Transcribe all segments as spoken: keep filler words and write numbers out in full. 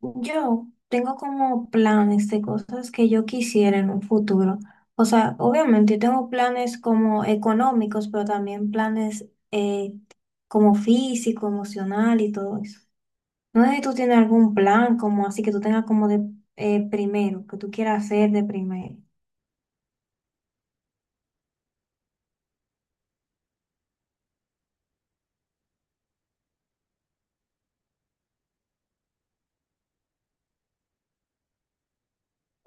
Yo tengo como planes de cosas que yo quisiera en un futuro. O sea, obviamente yo tengo planes como económicos, pero también planes eh, como físico, emocional y todo eso. No sé si tú tienes algún plan como así que tú tengas como de eh, primero, que tú quieras hacer de primero.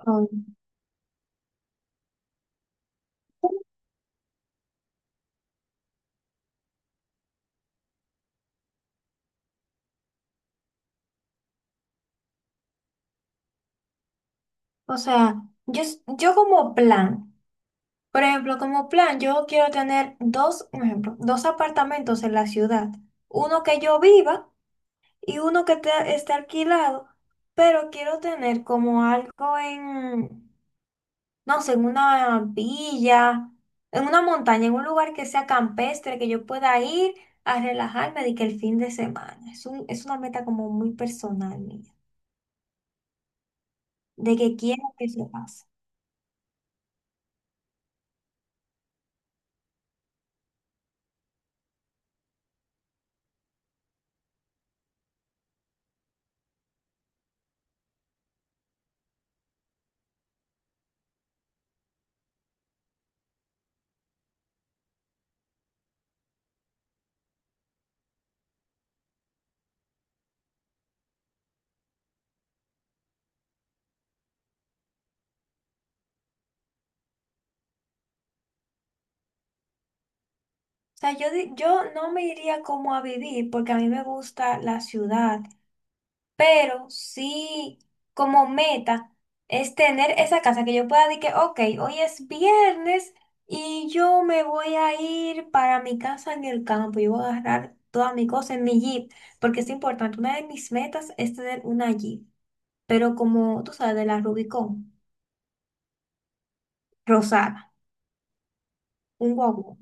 Oh. O sea, yo, s- yo como plan, por ejemplo, como plan, yo quiero tener dos, un ejemplo, dos apartamentos en la ciudad. Uno que yo viva y uno que te- está alquilado, pero quiero tener como algo en, no sé, en una villa, en una montaña, en un lugar que sea campestre, que yo pueda ir a relajarme de que el fin de semana. Es un- es una meta como muy personal mía, de que quiero que se pase. O sea, yo, di- yo no me iría como a vivir porque a mí me gusta la ciudad, pero sí como meta es tener esa casa que yo pueda decir que, ok, hoy es viernes y yo me voy a ir para mi casa en el campo y voy a agarrar toda mi cosa en mi Jeep, porque es importante. Una de mis metas es tener una Jeep, pero como tú sabes, de la Rubicon rosada, un guagua,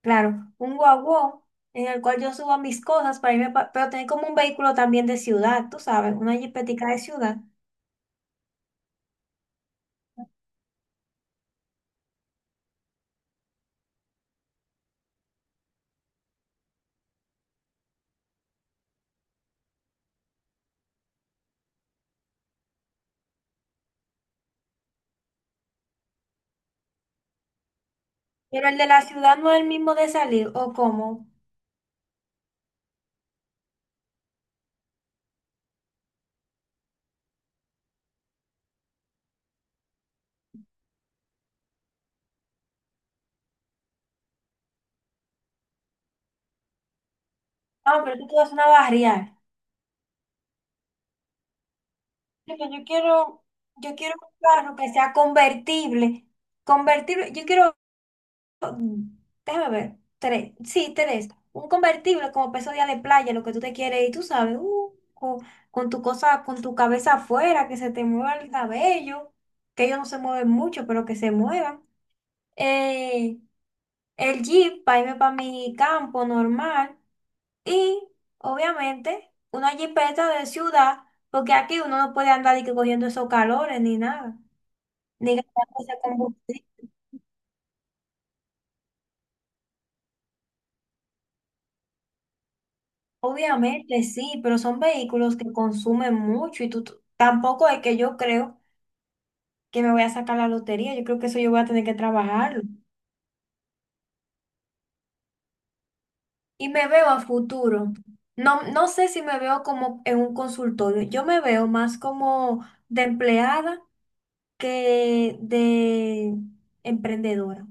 claro, un guagua. En el cual yo suba mis cosas para irme, pa- pero tener como un vehículo también de ciudad, tú sabes, una jeepetica de ciudad. Pero el de la ciudad no es el mismo de salir, ¿o cómo? Ah, pero tú te vas a una barrial. Porque yo quiero, yo quiero un carro que sea convertible. Convertible, yo quiero, mm, déjame ver, tres, sí, tres. Un convertible como peso día de playa, lo que tú te quieres y tú sabes, uh, con, con tu cosa, con tu cabeza afuera, que se te mueva el cabello, que ellos no se mueven mucho, pero que se muevan. Eh, el Jeep para irme para mi campo normal. Y obviamente una jipeta de ciudad, porque aquí uno no puede andar y que cogiendo esos calores ni nada, ni gastando ese combustible. Obviamente sí, pero son vehículos que consumen mucho y tú tú- tampoco es que yo creo que me voy a sacar la lotería, yo creo que eso yo voy a tener que trabajarlo. Y me veo a futuro. No, no sé si me veo como en un consultorio, yo me veo más como de empleada que de emprendedora.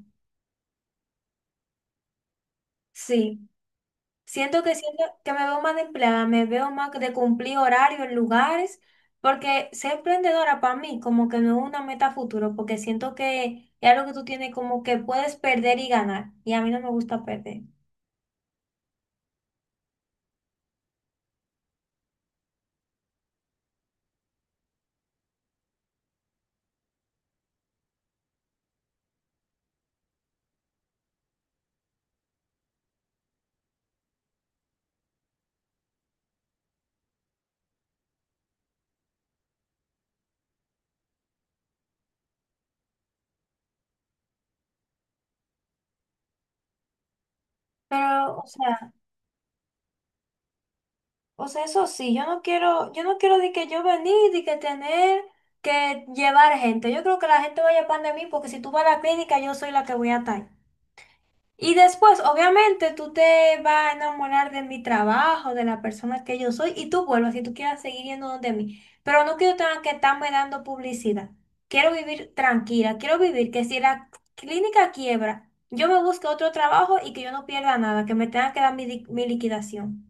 Sí. Siento que siento que me veo más de empleada, me veo más de cumplir horario en lugares, porque ser emprendedora para mí como que no es una meta a futuro, porque siento que es algo que tú tienes como que puedes perder y ganar, y a mí no me gusta perder. Pero, o sea, o sea, eso sí, yo no quiero, yo no quiero de que yo venir, de que tener que llevar gente. Yo creo que la gente vaya para de mí, porque si tú vas a la clínica, yo soy la que voy a estar. Y después, obviamente, tú te vas a enamorar de mi trabajo, de la persona que yo soy, y tú vuelvas si tú quieres seguir yendo donde mí. Pero no quiero tener que estarme dando publicidad. Quiero vivir tranquila, quiero vivir que si la clínica quiebra, yo me busque otro trabajo y que yo no pierda nada, que me tenga que dar mi, di- mi liquidación.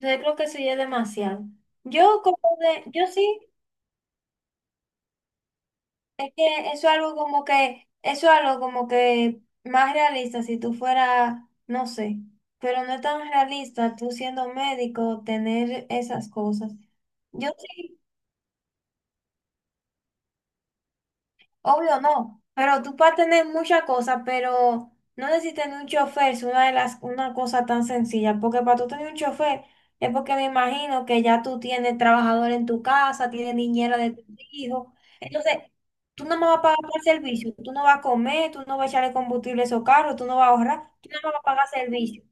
Entonces creo que eso ya es demasiado. Yo como de, yo sí. Es que eso es algo como que, eso es algo como que más realista si tú fueras, no sé, pero no es tan realista tú siendo médico tener esas cosas. Yo sí. Obvio no, pero tú puedes tener muchas cosas, pero no necesitas ni un chofer, es una de las, una cosa tan sencilla, porque para tú tener un chofer es porque me imagino que ya tú tienes trabajador en tu casa, tienes niñera de tus hijos, entonces tú no me vas a pagar por servicio, tú no vas a comer, tú no vas a echarle combustible a esos carros, tú no vas a ahorrar, tú no me vas a pagar servicio.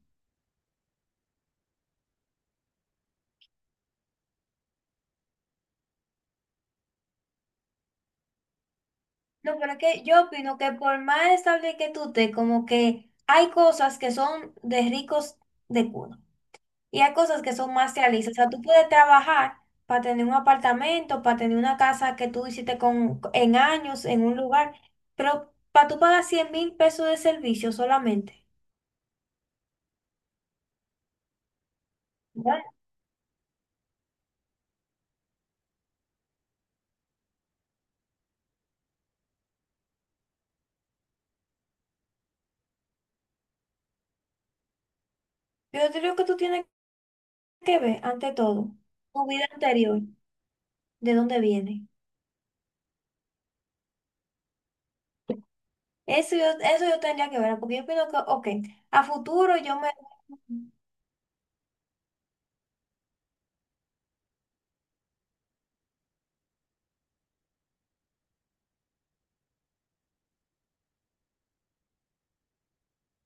No, pero es que yo opino que por más estable que tú estés, como que hay cosas que son de ricos de cuna. Y hay cosas que son más realistas. O sea, tú puedes trabajar para tener un apartamento, para tener una casa que tú hiciste con, en años, en un lugar, pero para tú pagar cien mil pesos de servicio solamente. Bueno, yo te digo que tú tienes que ver, ante todo, tu vida anterior, de dónde viene. Eso yo, eso yo tendría que ver, porque yo pienso que, ok, a futuro yo me.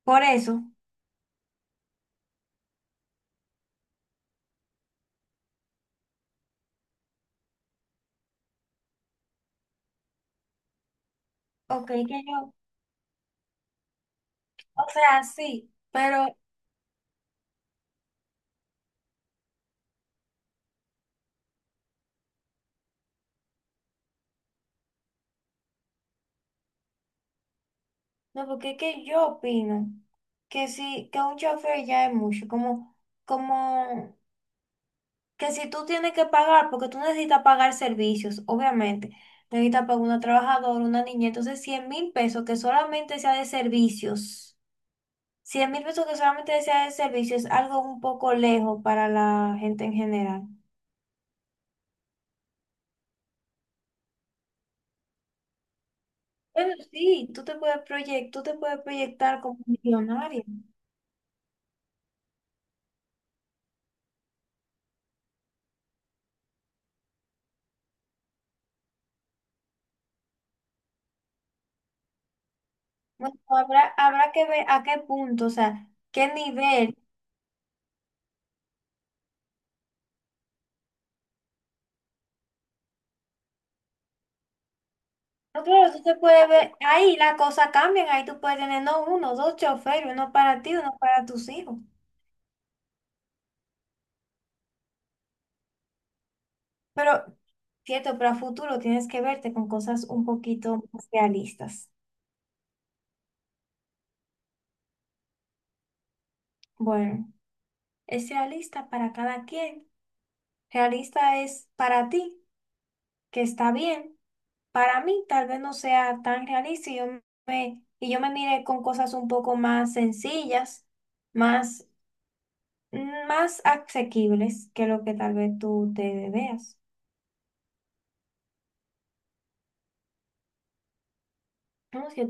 Por eso, ok, que yo, o sea, sí, pero. No, porque es que yo opino que si, que un chofer ya es mucho, como, como que si tú tienes que pagar, porque tú necesitas pagar servicios, obviamente, necesitas pagar una trabajadora, una niña, entonces cien mil pesos que solamente sea de servicios, cien mil pesos que solamente sea de servicios es algo un poco lejos para la gente en general. Bueno, sí, tú te puedes proyectar, tú te puedes proyectar como millonario. Bueno, habrá, habrá que ver a qué punto, o sea, qué nivel. No, claro, tú te puedes ver, ahí las cosas cambian, ahí tú puedes tener no uno, dos choferes, uno para ti, uno para tus hijos. Pero, cierto, para futuro tienes que verte con cosas un poquito más realistas. Bueno, es realista para cada quien. Realista es para ti, que está bien. Para mí, tal vez no sea tan realista y yo me, y yo me mire con cosas un poco más sencillas, más, más asequibles que lo que tal vez tú te veas. No, si yo